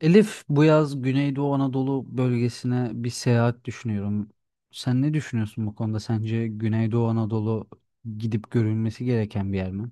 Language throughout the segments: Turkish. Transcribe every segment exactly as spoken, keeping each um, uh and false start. Elif, bu yaz Güneydoğu Anadolu bölgesine bir seyahat düşünüyorum. Sen ne düşünüyorsun bu konuda? Sence Güneydoğu Anadolu gidip görülmesi gereken bir yer mi?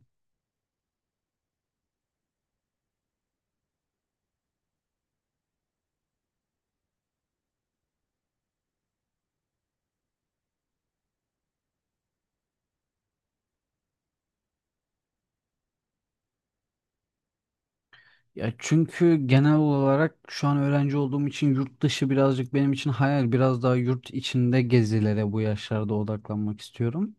Ya çünkü genel olarak şu an öğrenci olduğum için yurt dışı birazcık benim için hayal. Biraz daha yurt içinde gezilere bu yaşlarda odaklanmak istiyorum.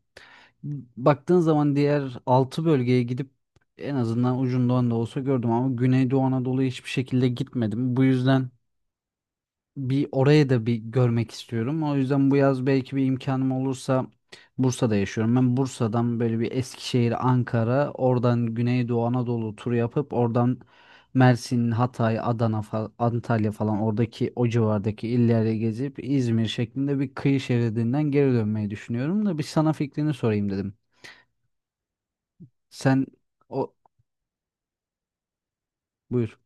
Baktığın zaman diğer altı bölgeye gidip en azından ucundan da olsa gördüm ama Güneydoğu Anadolu'ya hiçbir şekilde gitmedim. Bu yüzden bir orayı da bir görmek istiyorum. O yüzden bu yaz belki bir imkanım olursa Bursa'da yaşıyorum. Ben Bursa'dan böyle bir Eskişehir, Ankara, oradan Güneydoğu Anadolu turu yapıp oradan Mersin, Hatay, Adana, fa- Antalya falan oradaki o civardaki illere gezip İzmir şeklinde bir kıyı şeridinden geri dönmeyi düşünüyorum da bir sana fikrini sorayım dedim. Sen o Buyur.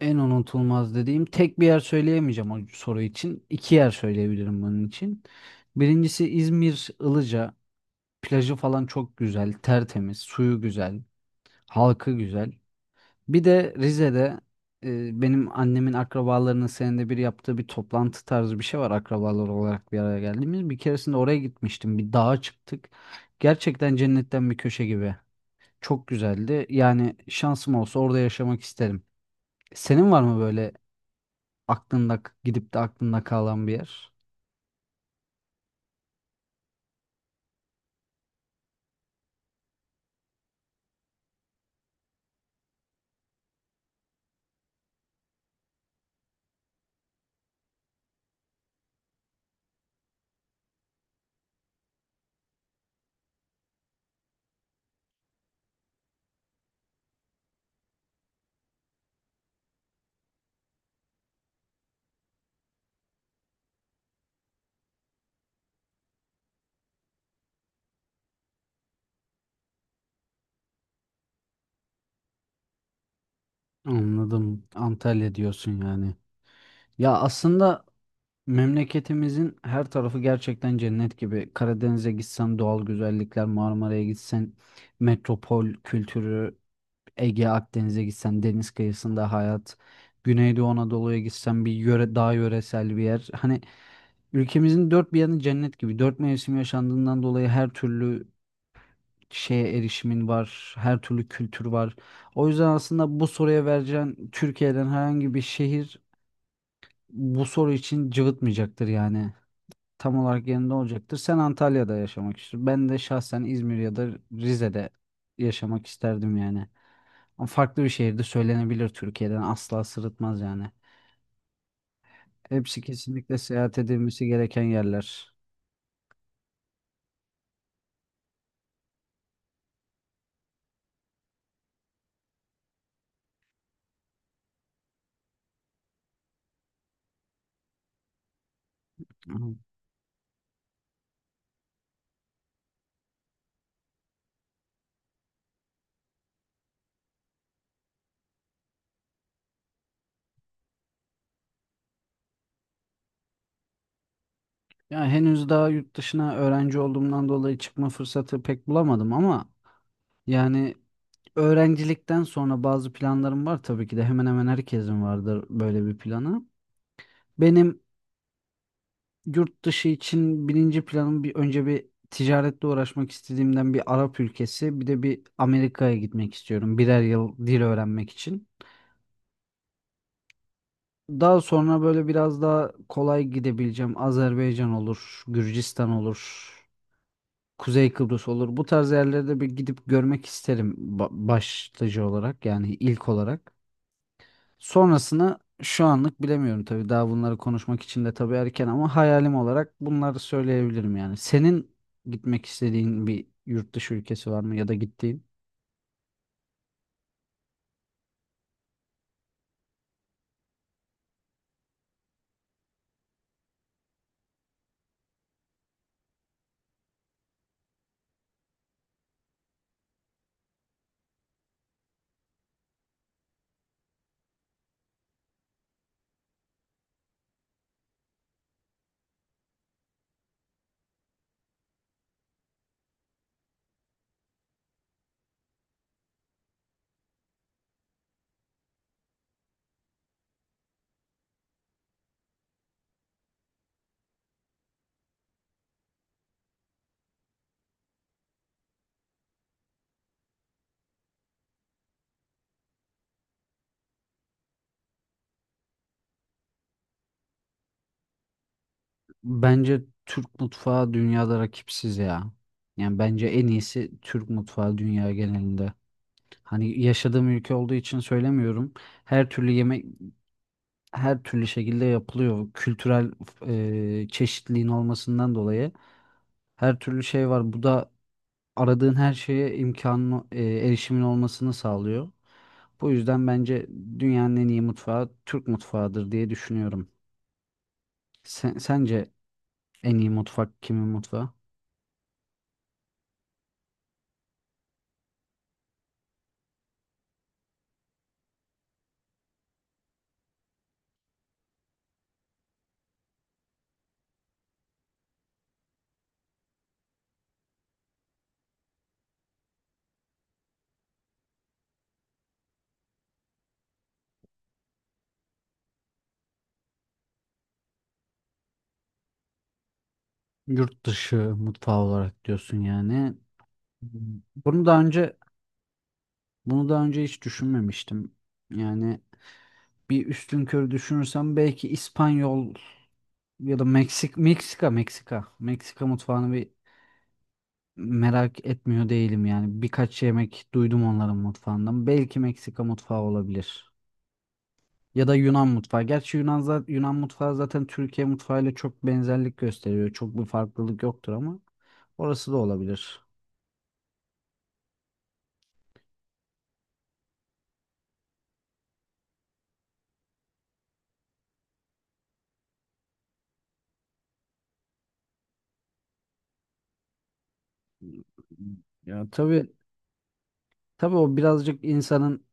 En unutulmaz dediğim tek bir yer söyleyemeyeceğim o soru için. İki yer söyleyebilirim bunun için. Birincisi İzmir Ilıca. Plajı falan çok güzel, tertemiz, suyu güzel, halkı güzel. Bir de Rize'de e, benim annemin akrabalarının senede bir yaptığı bir toplantı tarzı bir şey var akrabalar olarak bir araya geldiğimiz. Bir keresinde oraya gitmiştim. Bir dağa çıktık. Gerçekten cennetten bir köşe gibi. Çok güzeldi. Yani şansım olsa orada yaşamak isterim. Senin var mı böyle aklında gidip de aklında kalan bir yer? Anladım. Antalya diyorsun yani. Ya aslında memleketimizin her tarafı gerçekten cennet gibi. Karadeniz'e gitsen doğal güzellikler, Marmara'ya gitsen metropol kültürü, Ege, Akdeniz'e gitsen deniz kıyısında hayat, Güneydoğu Anadolu'ya gitsen bir yöre, daha yöresel bir yer. Hani ülkemizin dört bir yanı cennet gibi. Dört mevsim yaşandığından dolayı her türlü şeye erişimin var, her türlü kültür var. O yüzden aslında bu soruya vereceğin Türkiye'den herhangi bir şehir bu soru için cıvıtmayacaktır yani. Tam olarak yanında olacaktır. Sen Antalya'da yaşamak istiyorsun. Ben de şahsen İzmir ya da Rize'de yaşamak isterdim yani. Ama farklı bir şehirde söylenebilir Türkiye'den asla sırıtmaz yani. Hepsi kesinlikle seyahat edilmesi gereken yerler. Hı. Ya henüz daha yurt dışına öğrenci olduğumdan dolayı çıkma fırsatı pek bulamadım ama yani Öğrencilikten sonra bazı planlarım var tabii ki de hemen hemen herkesin vardır böyle bir planı. Benim yurt dışı için birinci planım bir önce bir ticaretle uğraşmak istediğimden bir Arap ülkesi bir de bir Amerika'ya gitmek istiyorum birer yıl dil öğrenmek için. Daha sonra böyle biraz daha kolay gidebileceğim Azerbaycan olur, Gürcistan olur, Kuzey Kıbrıs olur. Bu tarz yerlere de bir gidip görmek isterim ba- başlıca olarak yani ilk olarak. Sonrasını şu anlık bilemiyorum tabii. Daha bunları konuşmak için de tabii erken ama hayalim olarak bunları söyleyebilirim yani. Senin gitmek istediğin bir yurt dışı ülkesi var mı ya da gittiğin? Bence Türk mutfağı dünyada rakipsiz ya. Yani bence en iyisi Türk mutfağı dünya genelinde. Hani yaşadığım ülke olduğu için söylemiyorum. Her türlü yemek her türlü şekilde yapılıyor. Kültürel e, çeşitliliğin olmasından dolayı her türlü şey var. Bu da aradığın her şeye imkanın e, erişimin olmasını sağlıyor. Bu yüzden bence dünyanın en iyi mutfağı Türk mutfağıdır diye düşünüyorum. Sen, sence en iyi mutfak kimin mutfağı? Yurt dışı mutfağı olarak diyorsun yani. Bunu daha önce bunu daha önce hiç düşünmemiştim. Yani bir üstünkörü düşünürsem belki İspanyol ya da Meksik Meksika Meksika Meksika mutfağını bir merak etmiyor değilim yani. Birkaç yemek duydum onların mutfağından. Belki Meksika mutfağı olabilir. Ya da Yunan mutfağı. Gerçi Yunan, za- Yunan mutfağı zaten Türkiye mutfağıyla çok benzerlik gösteriyor. Çok bir farklılık yoktur ama orası da olabilir. Ya tabii tabii o birazcık insanın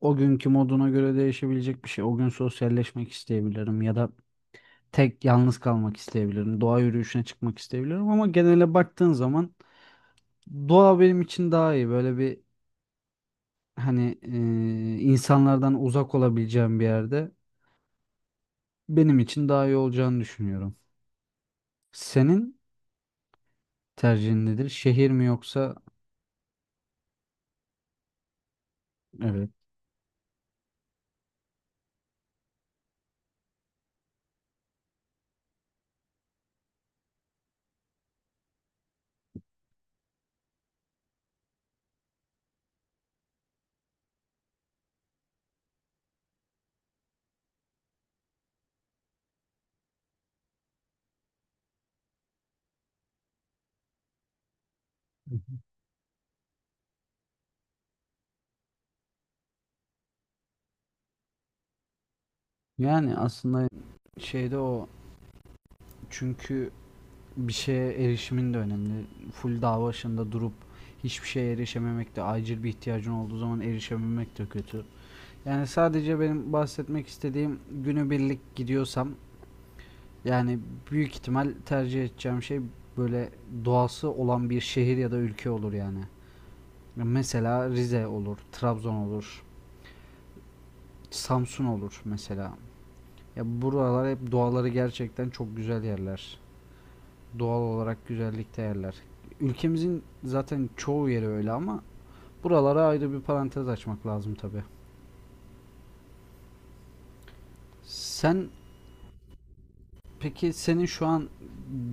o günkü moduna göre değişebilecek bir şey. O gün sosyalleşmek isteyebilirim ya da tek yalnız kalmak isteyebilirim. Doğa yürüyüşüne çıkmak isteyebilirim ama genele baktığın zaman doğa benim için daha iyi. Böyle bir hani e, insanlardan uzak olabileceğim bir yerde benim için daha iyi olacağını düşünüyorum. Senin tercihin nedir? Şehir mi yoksa evet. Hı hı. Yani aslında şeyde o çünkü bir şeye erişimin de önemli. Full dağ başında durup hiçbir şeye erişememek de acil bir ihtiyacın olduğu zaman erişememek de kötü. Yani sadece benim bahsetmek istediğim günübirlik gidiyorsam yani büyük ihtimal tercih edeceğim şey böyle doğası olan bir şehir ya da ülke olur yani. Mesela Rize olur, Trabzon olur, Samsun olur mesela. Ya buralar hep doğaları gerçekten çok güzel yerler. Doğal olarak güzellikte yerler. Ülkemizin zaten çoğu yeri öyle ama buralara ayrı bir parantez açmak lazım tabii. Sen peki senin şu an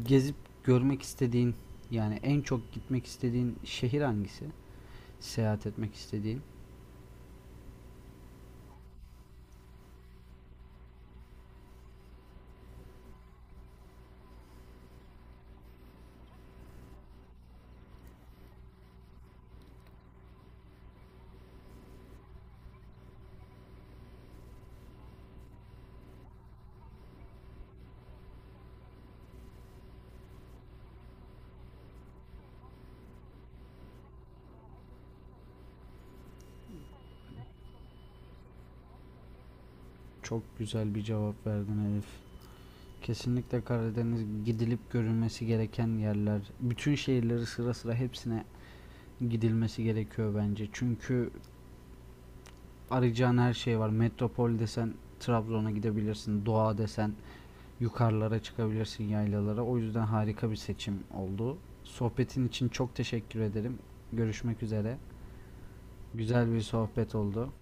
gezip görmek istediğin yani en çok gitmek istediğin şehir hangisi? Seyahat etmek istediğin? Çok güzel bir cevap verdin Elif. Kesinlikle Karadeniz gidilip görülmesi gereken yerler. Bütün şehirleri sıra sıra hepsine gidilmesi gerekiyor bence. Çünkü arayacağın her şey var. Metropol desen Trabzon'a gidebilirsin. Doğa desen yukarılara çıkabilirsin yaylalara. O yüzden harika bir seçim oldu. Sohbetin için çok teşekkür ederim. Görüşmek üzere. Güzel bir sohbet oldu.